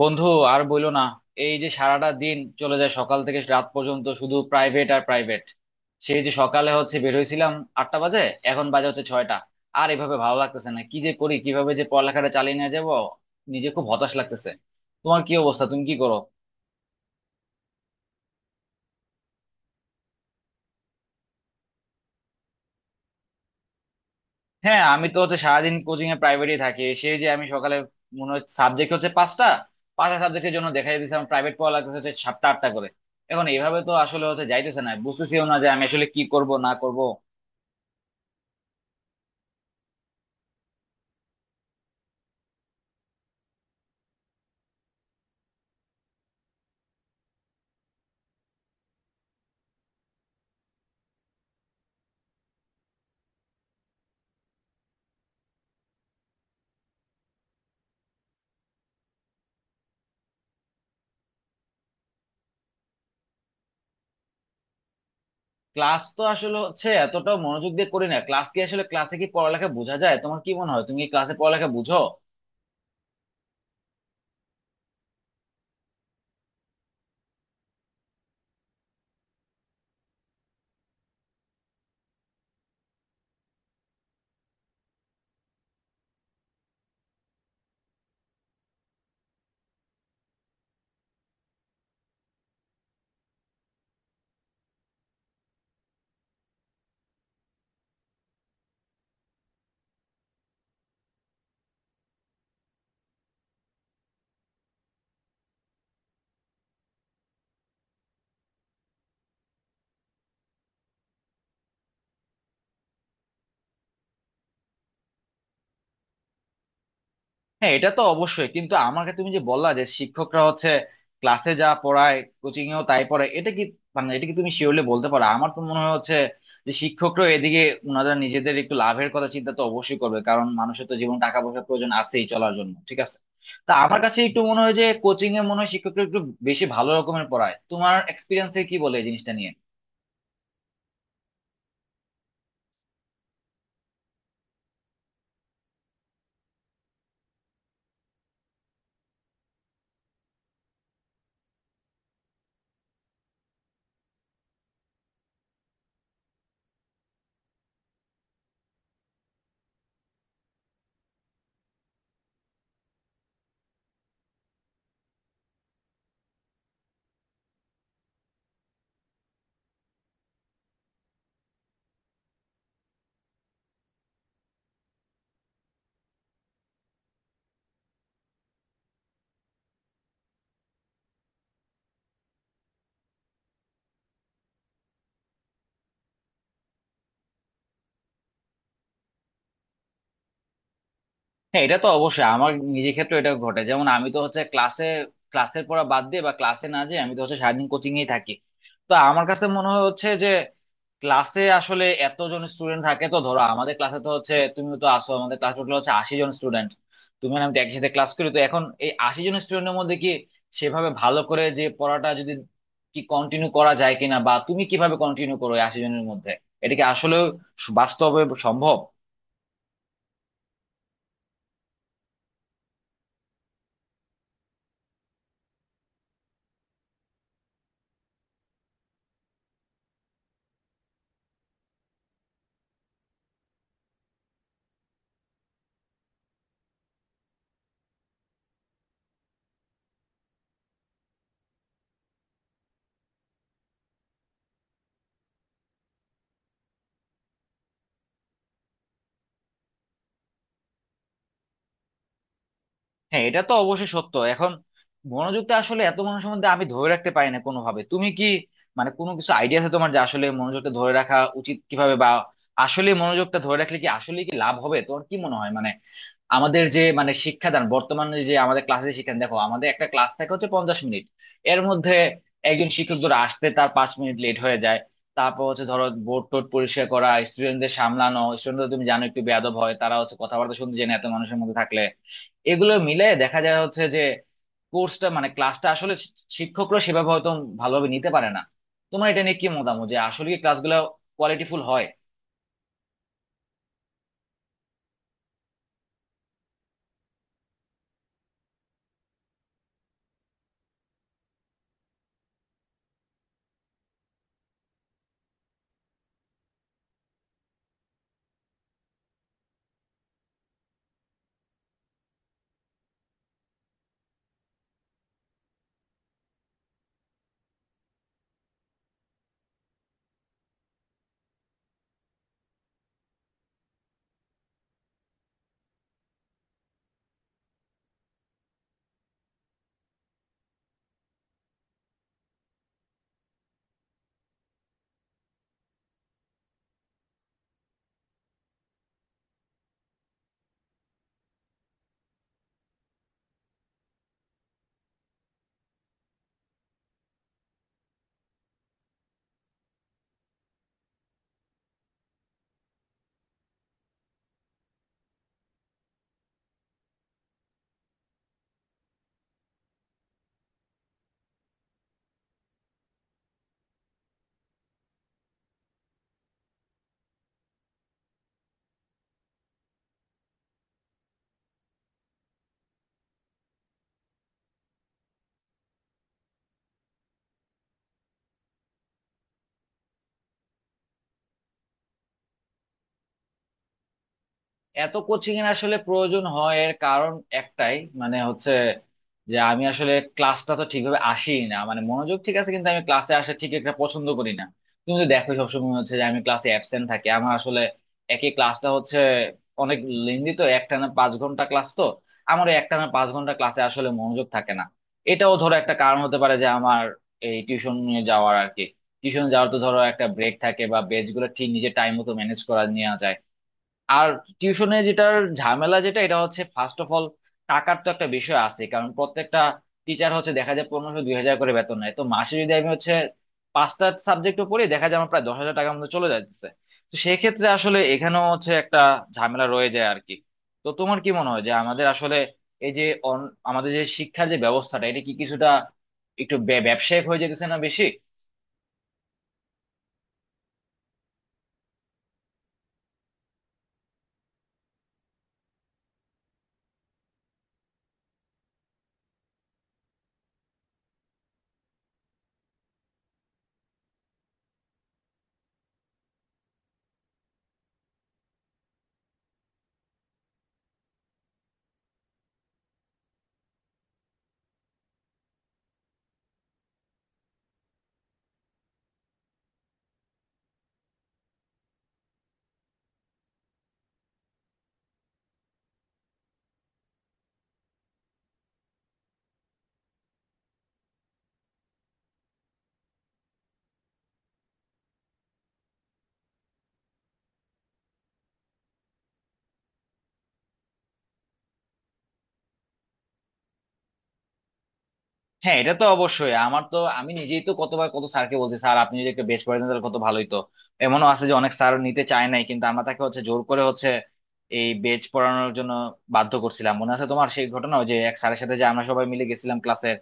বন্ধু, আর বইলো না। এই যে সারাটা দিন চলে যায় সকাল থেকে রাত পর্যন্ত শুধু প্রাইভেট আর প্রাইভেট। সেই যে সকালে হচ্ছে বের হয়েছিলাম 8টা বাজে, এখন বাজে হচ্ছে 6টা। আর এভাবে ভালো লাগতেছে না, কি যে করি, কিভাবে যে পড়ালেখাটা চালিয়ে নিয়ে যাবো। নিজে খুব হতাশ লাগতেছে। তোমার কি অবস্থা, তুমি কি করো? হ্যাঁ, আমি তো হচ্ছে সারাদিন কোচিং এ প্রাইভেটই থাকি। সেই যে আমি সকালে, মনে হচ্ছে সাবজেক্ট হচ্ছে 5টা, পাঁচটা সাবজেক্টের জন্য দেখা দিয়েছিলাম, প্রাইভেট পড়া লাগতেছে হচ্ছে 7টা 8টা করে। এখন এইভাবে তো আসলে হচ্ছে যাইতেছে না, বুঝতেছিও না যে আমি আসলে কি করব না করব। ক্লাস তো আসলে হচ্ছে এতটাও মনোযোগ দিয়ে করি না, ক্লাস কি আসলে, ক্লাসে কি পড়ালেখা বোঝা যায়, তোমার কি মনে হয়, তুমি কি ক্লাসে পড়ালেখা বুঝো? হ্যাঁ, এটা তো অবশ্যই, কিন্তু আমাকে তুমি যে বললা যে শিক্ষকরা হচ্ছে ক্লাসে যা পড়ায় কোচিং এও তাই পড়ায়, এটা কি, মানে এটা কি তুমি শিওরলি বলতে পারো? আমার তো মনে হয় হচ্ছে যে শিক্ষকরা এদিকে, ওনারা নিজেদের একটু লাভের কথা চিন্তা তো অবশ্যই করবে, কারণ মানুষের তো জীবন টাকা পয়সার প্রয়োজন আছেই চলার জন্য, ঠিক আছে। তা আমার কাছে একটু মনে হয় যে কোচিং এ মনে হয় শিক্ষকরা একটু বেশি ভালো রকমের পড়ায়, তোমার এক্সপিরিয়েন্সে কি বলে এই জিনিসটা নিয়ে? হ্যাঁ, এটা তো অবশ্যই, আমার নিজের ক্ষেত্রে এটা ঘটে, যেমন আমি তো হচ্ছে ক্লাসে, ক্লাসের পড়া বাদ দিয়ে বা ক্লাসে না যেয়ে আমি তো হচ্ছে সারাদিন কোচিং এই থাকি। তো আমার কাছে মনে হয় হচ্ছে যে ক্লাসে আসলে এতজন স্টুডেন্ট থাকে, তো ধরো আমাদের ক্লাসে তো হচ্ছে, তুমি তো আসো, আমাদের ক্লাস টোটাল হচ্ছে 80 জন স্টুডেন্ট, তুমি আর আমি তো একই সাথে ক্লাস করি, তো এখন এই 80 জন স্টুডেন্টের মধ্যে কি সেভাবে ভালো করে যে পড়াটা যদি কি কন্টিনিউ করা যায় কিনা, বা তুমি কিভাবে কন্টিনিউ করো এই 80 জনের মধ্যে, এটা কি আসলে বাস্তবে সম্ভব? হ্যাঁ, এটা তো অবশ্যই সত্য। এখন মনোযোগটা আসলে এত মানুষের মধ্যে আমি ধরে রাখতে পারি না কোনোভাবে, তুমি কি মানে কোনো কিছু আইডিয়া আছে তোমার যে আসলে মনোযোগটা ধরে রাখা উচিত কিভাবে, বা আসলে মনোযোগটা ধরে রাখলে কি আসলে কি লাভ হবে, তোমার কি মনে হয়? মানে আমাদের যে মানে শিক্ষাদান, বর্তমানে যে আমাদের ক্লাসে শিক্ষাদান, দেখো আমাদের একটা ক্লাস থাকে হচ্ছে 50 মিনিট, এর মধ্যে একজন শিক্ষক ধরো আসতে তার 5 মিনিট লেট হয়ে যায়, তারপর হচ্ছে ধরো বোর্ড টোর্ড পরিষ্কার করা, স্টুডেন্টদের সামলানো, স্টুডেন্টরা তুমি জানো একটু বেয়াদব হয়, তারা হচ্ছে কথাবার্তা শুনতে চায় না এত মানুষের মধ্যে থাকলে। এগুলো মিলে দেখা যায় হচ্ছে যে কোর্সটা মানে ক্লাসটা আসলে শিক্ষকরা সেভাবে হয়তো ভালোভাবে নিতে পারে না। তোমার এটা নিয়ে কি মতামত, যে আসলে কি ক্লাসগুলো কোয়ালিটিফুল হয়? এত কোচিং এর আসলে প্রয়োজন হয় এর কারণ একটাই, মানে হচ্ছে যে আমি আসলে ক্লাসটা তো ঠিকভাবে আসি না, মানে মনোযোগ ঠিক আছে কিন্তু আমি ক্লাসে আসা ঠিক একটা পছন্দ করি না, তুমি তো দেখো সবসময় হচ্ছে যে আমি ক্লাসে অ্যাবসেন্ট থাকি। আমার আসলে একই ক্লাসটা হচ্ছে অনেক লেন্দি, তো একটানা 5 ঘন্টা ক্লাস তো, আমার ওই একটানা 5 ঘন্টা ক্লাসে আসলে মনোযোগ থাকে না। এটাও ধরো একটা কারণ হতে পারে যে আমার এই টিউশন নিয়ে যাওয়ার আর কি, টিউশন যাওয়ার তো ধরো একটা ব্রেক থাকে বা বেঞ্চ গুলো ঠিক নিজের টাইম মতো ম্যানেজ করা নেওয়া যায়। আর টিউশনে যেটার ঝামেলা যেটা এটা হচ্ছে ফার্স্ট অফ অল, টাকার তো একটা বিষয় আছে, কারণ প্রত্যেকটা টিচার হচ্ছে দেখা যায় 1500 2000 করে বেতন নেয়, তো মাসে যদি আমি হচ্ছে 5টা সাবজেক্ট পড়ি, দেখা যায় আমার প্রায় 10,000 টাকার মতো চলে যাচ্ছে। তো সেক্ষেত্রে আসলে এখানেও হচ্ছে একটা ঝামেলা রয়ে যায় আর কি। তো তোমার কি মনে হয় যে আমাদের আসলে এই যে আমাদের যে শিক্ষার যে ব্যবস্থাটা, এটা কি কিছুটা একটু ব্যবসায়িক হয়ে যেতেছে না বেশি? হ্যাঁ, এটা তো অবশ্যই, আমার তো, আমি নিজেই তো কতবার কত স্যারকে বলছি, স্যার আপনি যদি একটা বেশ করে দেন তাহলে কত ভালোই তো। এমনও আছে যে অনেক স্যার নিতে চায় নাই, কিন্তু আমরা তাকে হচ্ছে জোর করে হচ্ছে এই বেচ পড়ানোর জন্য বাধ্য করছিলাম। মনে আছে তোমার সেই ঘটনা, ওই যে এক স্যারের সাথে যে আমরা সবাই মিলে গেছিলাম ক্লাসের,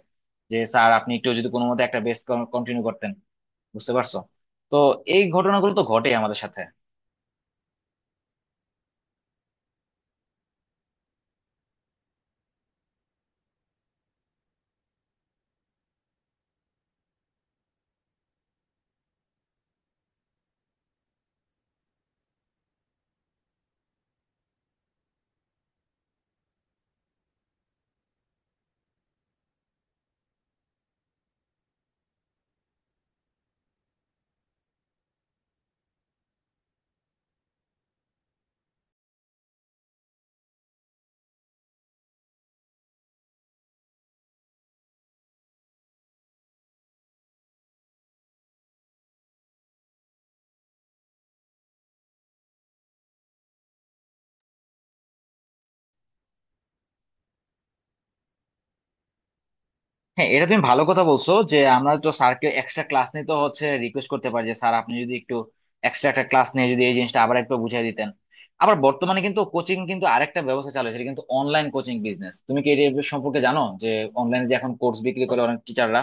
যে স্যার আপনি একটু যদি কোনো মতে একটা বেচ কন্টিনিউ করতেন, বুঝতে পারছো? তো এই ঘটনাগুলো তো ঘটেই আমাদের সাথে। হ্যাঁ, এটা তুমি ভালো কথা বলছো যে আমরা তো স্যারকে এক্সট্রা ক্লাস নিতে হচ্ছে রিকোয়েস্ট করতে পারি, যে স্যার আপনি যদি একটু এক্সট্রা একটা ক্লাস নিয়ে যদি এই জিনিসটা আবার একটু বুঝাই দিতেন। আবার বর্তমানে কিন্তু কোচিং কিন্তু আরেকটা ব্যবস্থা চালু হয়েছে, এটা কিন্তু অনলাইন কোচিং বিজনেস, তুমি কি এটা সম্পর্কে জানো, যে অনলাইনে যে এখন কোর্স বিক্রি করে অনেক টিচাররা?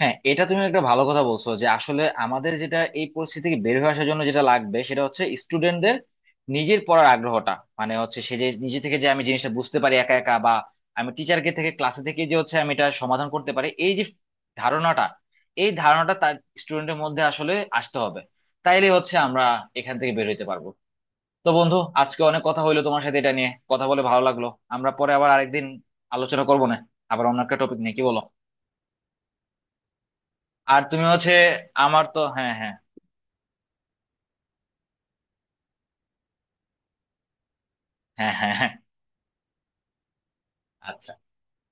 হ্যাঁ, এটা তুমি একটা ভালো কথা বলছো যে আসলে আমাদের যেটা এই পরিস্থিতি থেকে বের হয়ে আসার জন্য যেটা লাগবে সেটা হচ্ছে স্টুডেন্টদের নিজের পড়ার আগ্রহটা, মানে হচ্ছে সে যে নিজে থেকে যে আমি জিনিসটা বুঝতে পারি একা একা, বা আমি টিচারকে থেকে ক্লাসে থেকে যে হচ্ছে আমি এটা সমাধান করতে পারি, এই যে ধারণাটা, এই ধারণাটা তার স্টুডেন্টের মধ্যে আসলে আসতে হবে। তাইলে হচ্ছে আমরা এখান থেকে বের হইতে পারবো। তো বন্ধু, আজকে অনেক কথা হইলো, তোমার সাথে এটা নিয়ে কথা বলে ভালো লাগলো। আমরা পরে আবার আরেকদিন আলোচনা করবো না, আবার অন্য একটা টপিক নিয়ে, কি বলো? আর তুমি হচ্ছে আমার তো, হ্যাঁ, হ্যাঁ, হ্যাঁ, হ্যাঁ, হ্যাঁ, আচ্ছা।